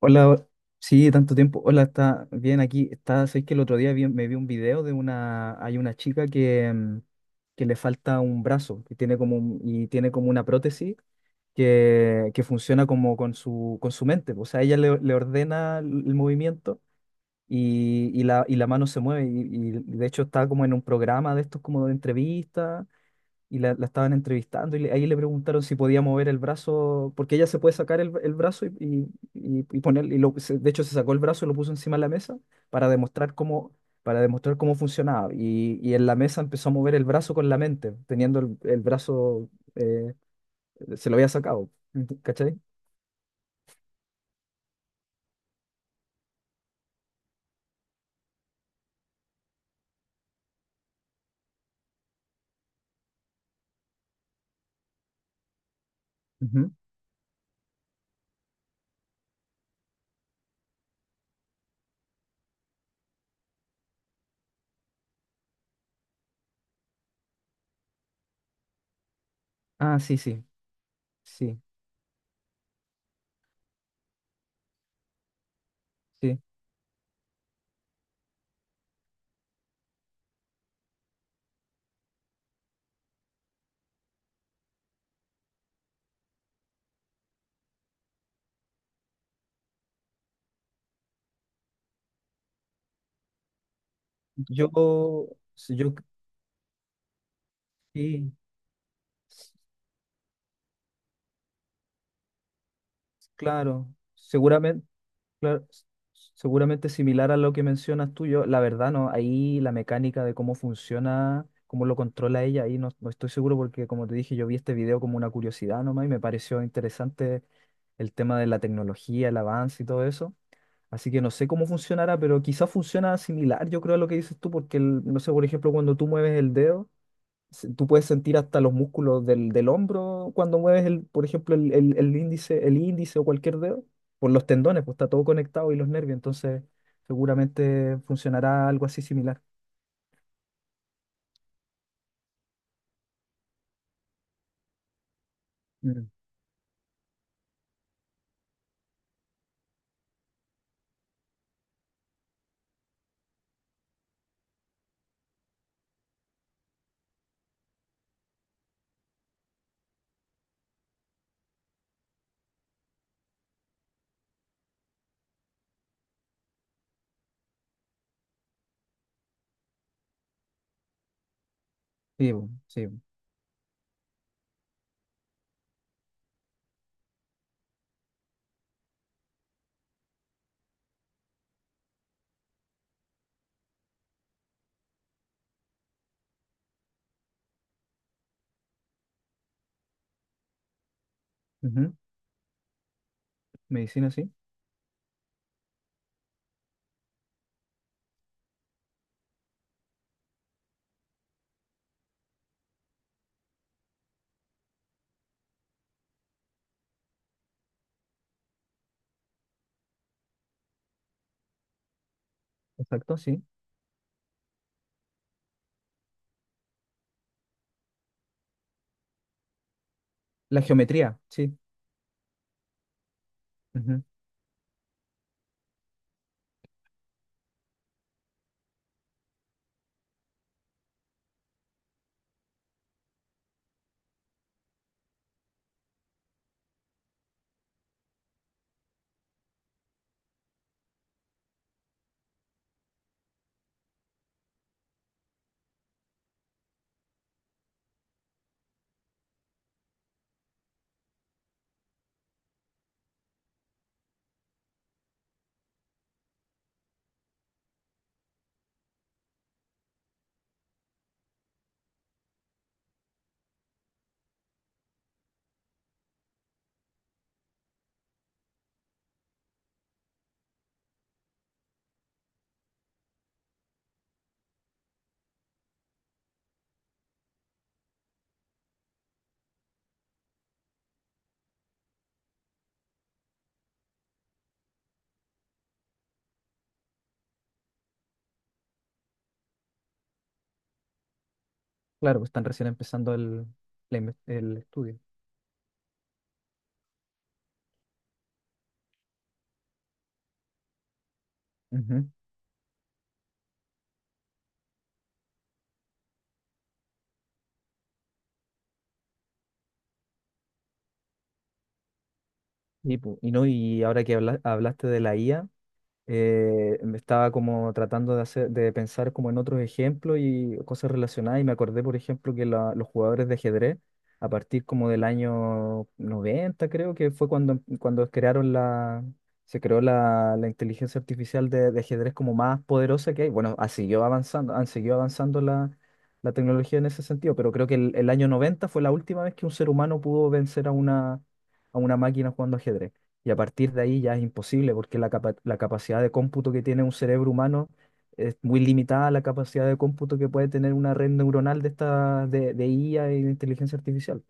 Hola, sí, tanto tiempo. Hola, está bien aquí. Está, sé que el otro día me vi un video de una, hay una chica que, que le falta un brazo que tiene como y tiene como una prótesis que funciona como con su mente. O sea, ella le, le ordena el movimiento y la mano se mueve. Y de hecho está como en un programa de estos como de entrevistas y la estaban entrevistando y ahí le preguntaron si podía mover el brazo, porque ella se puede sacar el brazo y, y poner, y lo, de hecho se sacó el brazo y lo puso encima de la mesa para demostrar cómo, para demostrar cómo funcionaba. Y en la mesa empezó a mover el brazo con la mente, teniendo el brazo, eh, se lo había sacado, ¿cachai? Ujú. Ah, sí, sí, sí, sí. Yo, sí, yo, sí, s- claro, seguramente. Claro, seguramente similar a lo que mencionas tú, yo, la verdad no, ahí la mecánica de cómo funciona, cómo lo controla ella, ahí no, no estoy seguro porque como te dije, yo vi este video como una curiosidad nomás y me pareció interesante el tema de la tecnología, el avance y todo eso. Así que no sé cómo funcionará, pero quizás funciona similar, yo creo, a lo que dices tú, porque no sé, por ejemplo, cuando tú mueves el dedo tú puedes sentir hasta los músculos del, del hombro cuando mueves, el, por ejemplo, el, el índice o cualquier dedo, por los tendones, pues está todo conectado y los nervios, entonces seguramente funcionará algo así similar. Mm. Sí, bu, sí. Ujú. Medicina, sí. Exacto, sí. La geometría, sí. Ujú. Claro, pues están recién empezando el, el estudio. Ujú. Y, y no, y ahora que hablaste de la IA. Me estaba como tratando de hacer, de pensar como en otros ejemplos y cosas relacionadas y me acordé, por ejemplo, que los jugadores de ajedrez, a partir como del año 90 creo que fue cuando, cuando crearon la, se creó la, la inteligencia artificial de ajedrez como más poderosa que hay. Bueno, ha seguido avanzando, han seguido avanzando la, la tecnología en ese sentido, pero creo que el año 90 fue la última vez que un ser humano pudo vencer a una máquina jugando ajedrez. Y a partir de ahí ya es imposible porque la la capacidad de cómputo que tiene un cerebro humano es muy limitada a la capacidad de cómputo que puede tener una red neuronal de esta de IA y de inteligencia artificial.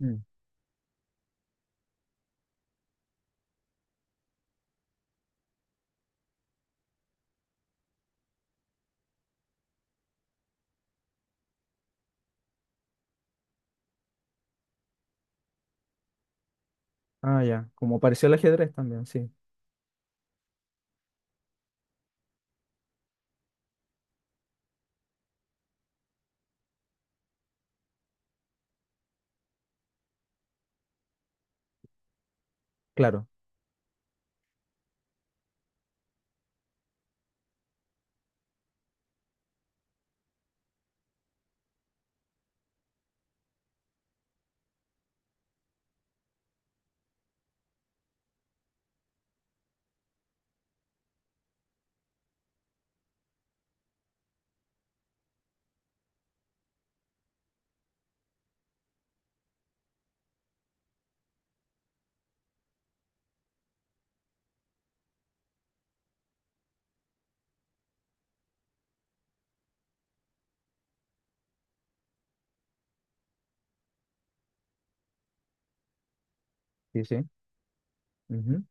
Mm. Ah, ya, como pareció el ajedrez también, sí, claro, sí, sí. Ujú.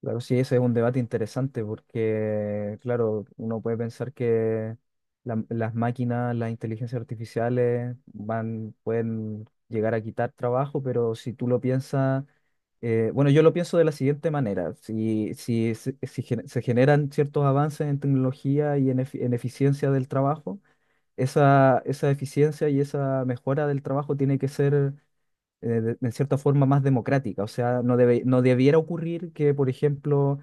Claro, sí, ese es un debate interesante porque, claro, uno puede pensar que las máquinas, las inteligencias artificiales van, pueden llegar a quitar trabajo, pero si tú lo piensas, bueno, yo lo pienso de la siguiente manera, si, si, se si se generan ciertos avances en tecnología y en, en eficiencia del trabajo, esa eficiencia y esa mejora del trabajo tiene que ser de, en cierta forma más democrática. O sea, no debe, no debiera ocurrir que, por ejemplo,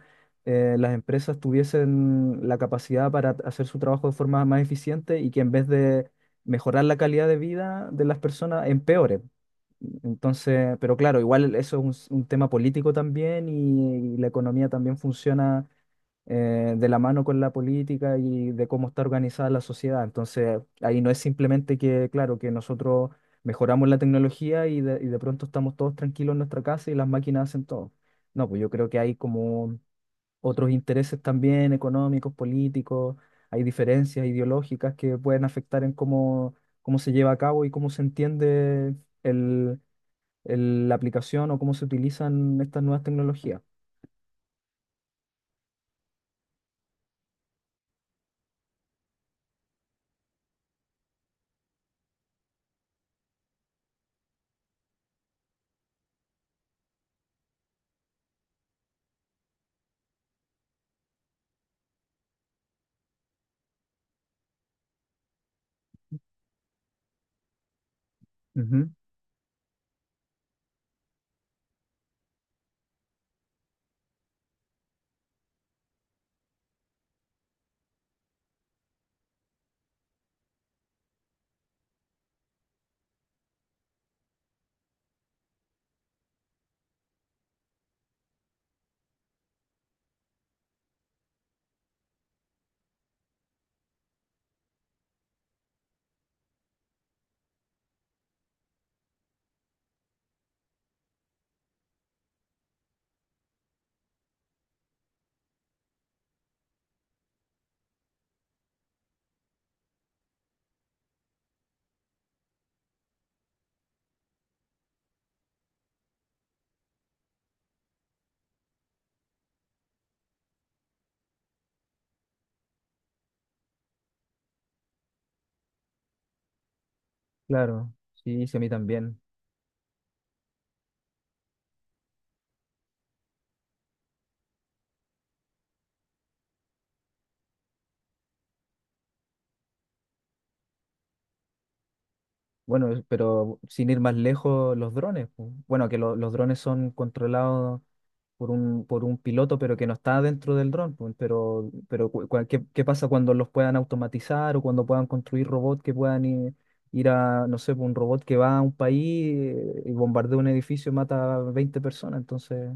las empresas tuviesen la capacidad para hacer su trabajo de forma más eficiente y que en vez de mejorar la calidad de vida de las personas, empeore. Entonces, pero claro, igual eso es un tema político también y la economía también funciona de la mano con la política y de cómo está organizada la sociedad. Entonces, ahí no es simplemente que, claro, que nosotros mejoramos la tecnología y de pronto estamos todos tranquilos en nuestra casa y las máquinas hacen todo. No, pues yo creo que hay como otros intereses también económicos, políticos, hay diferencias ideológicas que pueden afectar en cómo, cómo se lleva a cabo y cómo se entiende el, la aplicación o cómo se utilizan estas nuevas tecnologías. Ujú. Claro, sí, sí, a mí también. Bueno, es- pero sin ir más lejos, los drones, pu. Bueno, que los drones son controlados por un piloto, pero que no está dentro del dron, pu. Pero ¿qué, qué pasa cuando los puedan automatizar o cuando puedan construir robots que puedan ir, ir a, no sé, pu, un robot que va a un país y bombardea un edificio y mata a 20 personas? Entonces,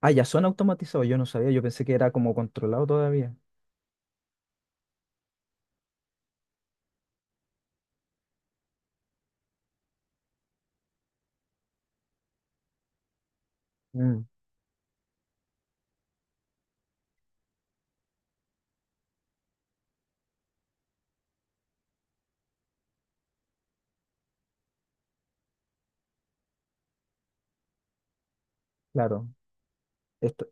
ah, ya son automatizados, yo no sabía, yo pensé que era como controlado todavía. Mm, claro, esto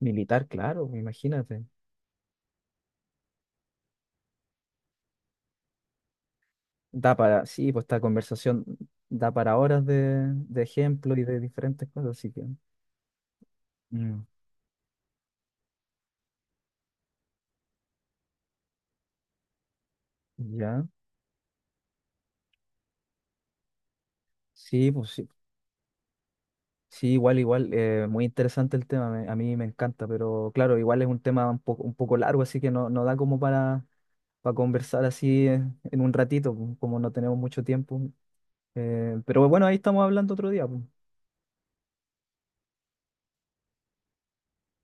militar, claro, imagínate. Da para, sí, pues esta conversación da para horas de ejemplo y de diferentes cosas, así que. mm, Ya. Sí, pues sí. Sí, igual, igual. Muy interesante el tema, a mí me encanta, pero claro, igual es un tema un poco largo, así que no, no da como para conversar así en un ratito, pues, como no tenemos mucho tiempo. Pero bueno, ahí estamos hablando otro día, pues.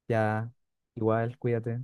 Ya, igual, cuídate.